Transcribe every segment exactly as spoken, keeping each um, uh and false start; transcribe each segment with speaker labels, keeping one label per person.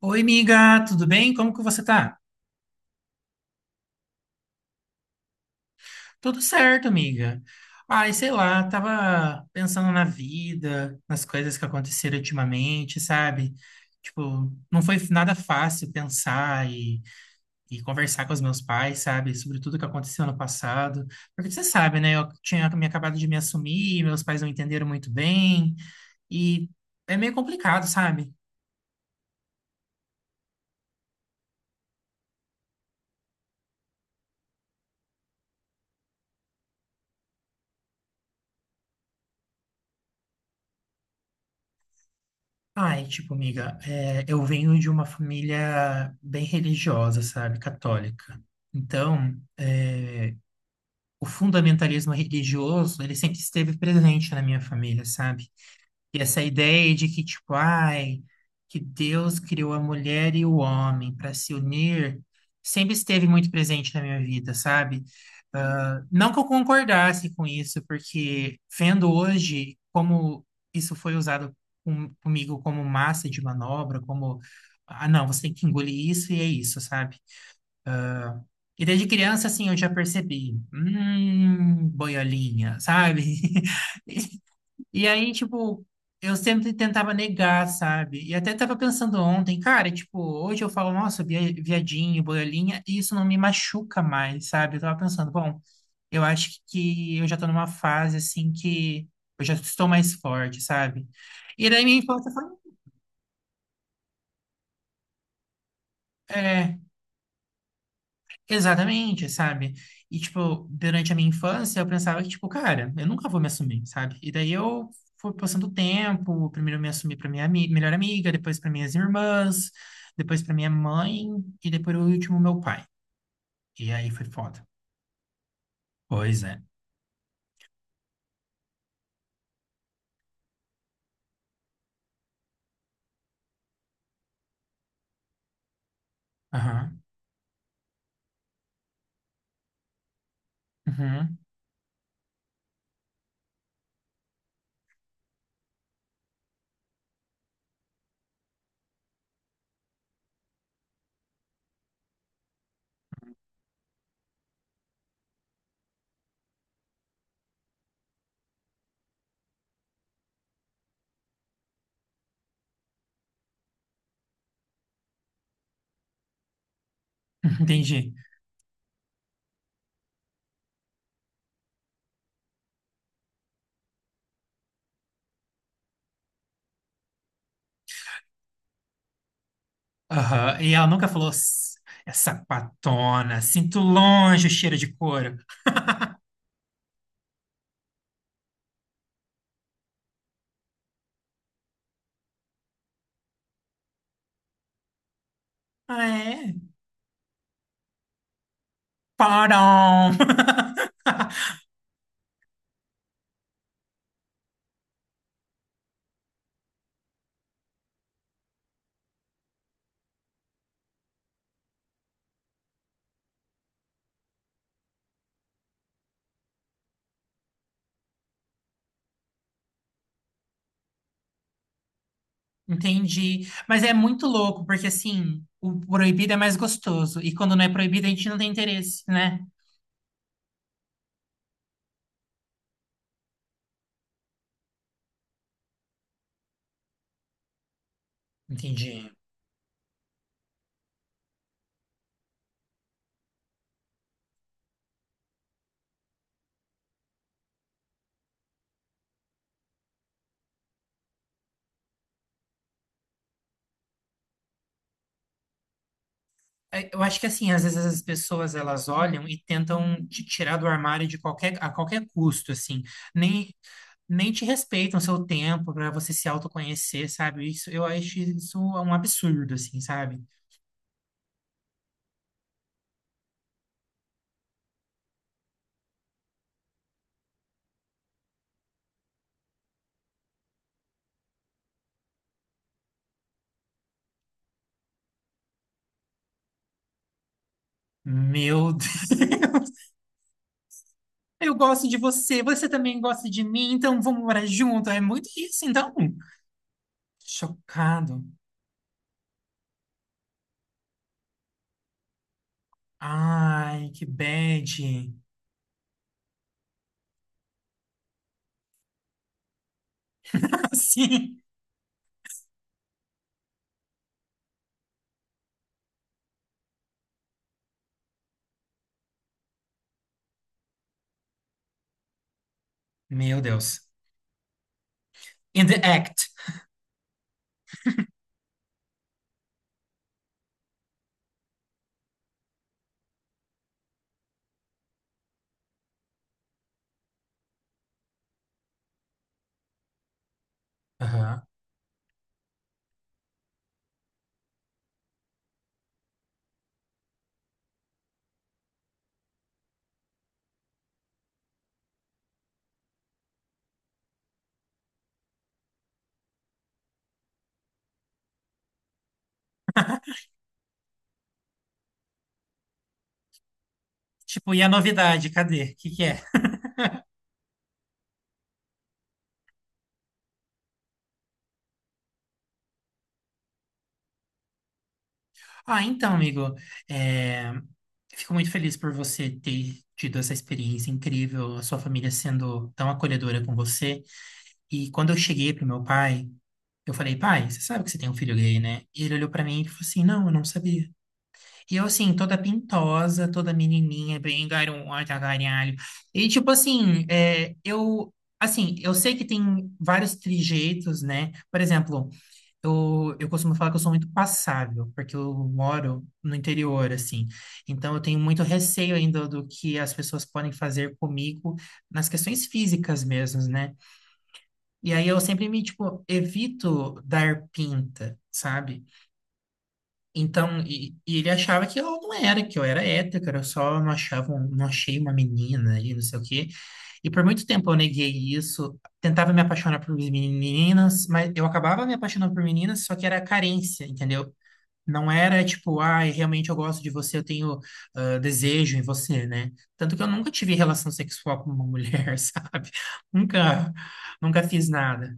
Speaker 1: Oi, amiga, tudo bem? Como que você tá? Tudo certo, amiga. Ai, sei lá, tava pensando na vida, nas coisas que aconteceram ultimamente, sabe? Tipo, não foi nada fácil pensar e, e conversar com os meus pais, sabe? Sobre tudo que aconteceu no passado. Porque você sabe, né? Eu tinha me acabado de me assumir, meus pais não entenderam muito bem, e é meio complicado, sabe? Ai, tipo, amiga, é, eu venho de uma família bem religiosa, sabe, católica. Então, é, o fundamentalismo religioso, ele sempre esteve presente na minha família, sabe? E essa ideia de que, tipo, ai, que Deus criou a mulher e o homem para se unir, sempre esteve muito presente na minha vida, sabe? Ah, não que eu concordasse com isso, porque vendo hoje como isso foi usado com- comigo como massa de manobra, como, ah, não, você tem que engolir isso e é isso, sabe? E desde criança, assim, eu já percebi, hum, boiolinha, sabe? E aí, tipo, eu sempre tentava negar, sabe? E até tava pensando ontem, cara, tipo, hoje eu falo, nossa, via- viadinho, boiolinha, e isso não me machuca mais, sabe? Eu tava pensando, bom, eu acho que eu já tô numa fase, assim, que eu já estou mais forte, sabe? E daí minha infância foi. é, Exatamente, sabe? E, tipo, durante a minha infância, eu pensava que, tipo, cara, eu nunca vou me assumir, sabe? E daí eu fui passando o tempo, primeiro eu me assumi pra minha ami- melhor amiga, depois pra minhas irmãs, depois pra minha mãe, e depois o último, meu pai. E aí foi foda. Pois é. Aham. Uhum. Entendi. Aham. E ela nunca falou, "S- é sapatona, sinto longe o cheiro de couro." Ah, é? Parão! Entendi. Mas é muito louco, porque assim, o proibido é mais gostoso. E quando não é proibido, a gente não tem interesse, né? Entendi. É, eu acho que assim, às vezes as pessoas elas olham e tentam te tirar do armário de qualquer, a qualquer custo, assim. Nem, nem te respeitam o seu tempo para você se autoconhecer, sabe? Isso, eu acho isso um absurdo, assim, sabe? Meu Deus. Eu gosto de você, você também gosta de mim, então vamos morar junto. É muito isso, então. Chocado. Ai, que bad. Sim. Meu Deus. In the act. Aham. Tipo, e a novidade? Cadê? O que que é? Ah, então, amigo, é, fico muito feliz por você ter tido essa experiência incrível, a sua família sendo tão acolhedora com você. E quando eu cheguei pro meu pai, eu falei, pai, você sabe que você tem um filho gay, né? E ele olhou pra mim e falou assim, não, eu não sabia. E eu, assim, toda pintosa, toda menininha, bem garota, garalho. E, tipo assim, é, eu... Assim, eu sei que tem vários trejeitos, né? Por exemplo, eu, eu costumo falar que eu sou muito passável, porque eu moro no interior, assim. Então, eu tenho muito receio ainda do que as pessoas podem fazer comigo nas questões físicas mesmo, né? E aí, eu sempre me, tipo, evito dar pinta, sabe? Então, e, e ele achava que eu não era, que eu era hétero, que eu só não achava, um- não achei uma menina e não sei o quê. E por muito tempo eu neguei isso, tentava me apaixonar por meninas, mas eu acabava me apaixonando por meninas, só que era carência, entendeu? Não era tipo, ai, realmente eu gosto de você, eu tenho ah, desejo em você, né? Tanto que eu nunca tive relação sexual com uma mulher, sabe? Nunca, nunca fiz nada.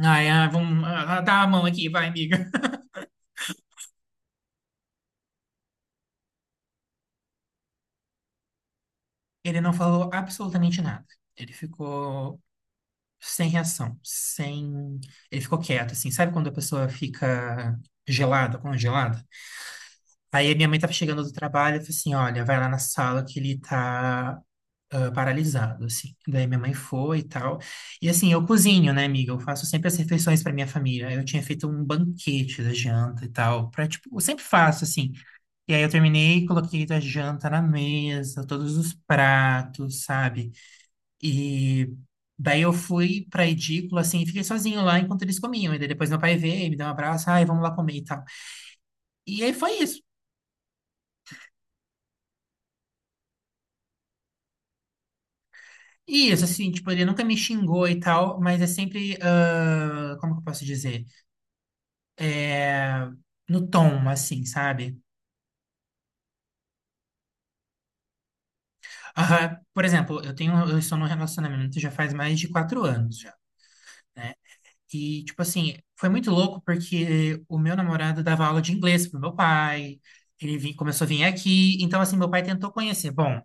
Speaker 1: Ai, ah, vamos, ah, dá a mão aqui, vai, amiga. Ele não falou absolutamente nada. Ele ficou sem reação, sem. Ele ficou quieto, assim. Sabe quando a pessoa fica gelada, congelada? Aí a minha mãe tava chegando do trabalho e falou assim: olha, vai lá na sala que ele tá. ah, paralisado, assim. Daí minha mãe foi e tal. E assim, eu cozinho, né, amiga? Eu faço sempre as refeições para minha família. Eu tinha feito um banquete da janta e tal, para tipo, eu sempre faço assim. E aí eu terminei, coloquei a janta na mesa, todos os pratos, sabe? E daí eu fui pra edícula, assim, e fiquei sozinho lá enquanto eles comiam. E daí depois meu pai veio, me deu um abraço, ai, vamos lá comer e tal. E aí foi isso. E isso, assim, tipo, ele nunca me xingou e tal, mas é sempre, ah, como que eu posso dizer? É, no tom, assim, sabe? Aham. Por exemplo, eu tenho, eu estou num relacionamento já faz mais de quatro anos já, né? E, tipo assim, foi muito louco porque o meu namorado dava aula de inglês pro meu pai, ele vim- começou a vir aqui, então, assim, meu pai tentou conhecer. Bom,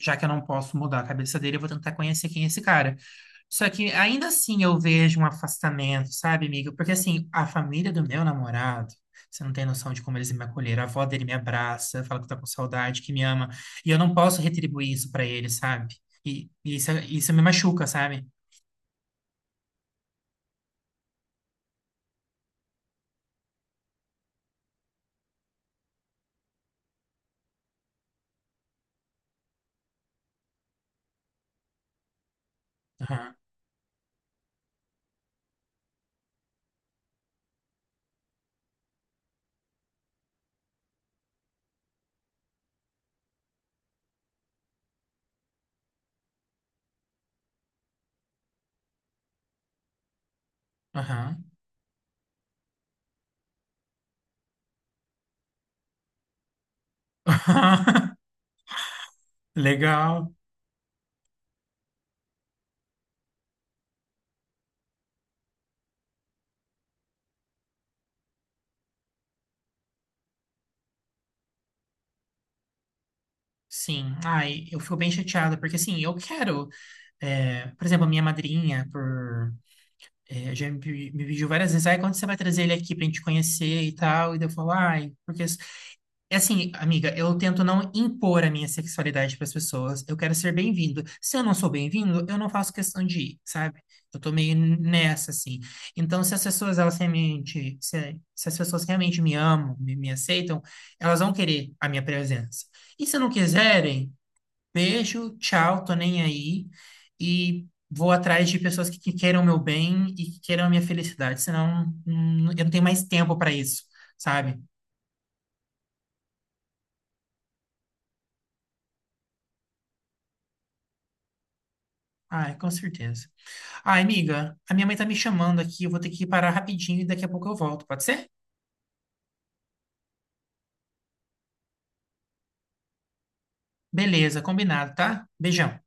Speaker 1: já que eu não posso mudar a cabeça dele, eu vou tentar conhecer quem é esse cara. Só que ainda assim eu vejo um afastamento, sabe, amigo? Porque assim, a família do meu namorado, você não tem noção de como eles me acolheram. A avó dele me abraça, fala que tá com saudade, que me ama. E eu não posso retribuir isso pra ele, sabe? E, e isso, isso me machuca, sabe? Aham, aham. Legal. Sim. Ai, eu fico bem chateada, porque assim, eu quero. É, por exemplo, a minha madrinha, por É, já me, pe- me pediu várias vezes, aí quando você vai trazer ele aqui pra gente conhecer e tal, e daí eu falo, ai, porque... s- É assim, amiga, eu tento não impor a minha sexualidade pras pessoas, eu quero ser bem-vindo. Se eu não sou bem-vindo, eu não faço questão de ir, sabe? Eu tô meio nessa, assim. Então, se as pessoas, elas realmente, se, se as pessoas realmente me amam, me, me aceitam, elas vão querer a minha presença. E se não quiserem, beijo, tchau, tô nem aí. E vou atrás de pessoas que, que queiram o meu bem e que queiram a minha felicidade, senão hum, eu não tenho mais tempo para isso, sabe? Ai, com certeza. Ai, amiga, a minha mãe tá me chamando aqui, eu vou ter que parar rapidinho e daqui a pouco eu volto, pode ser? Beleza, combinado, tá? Beijão.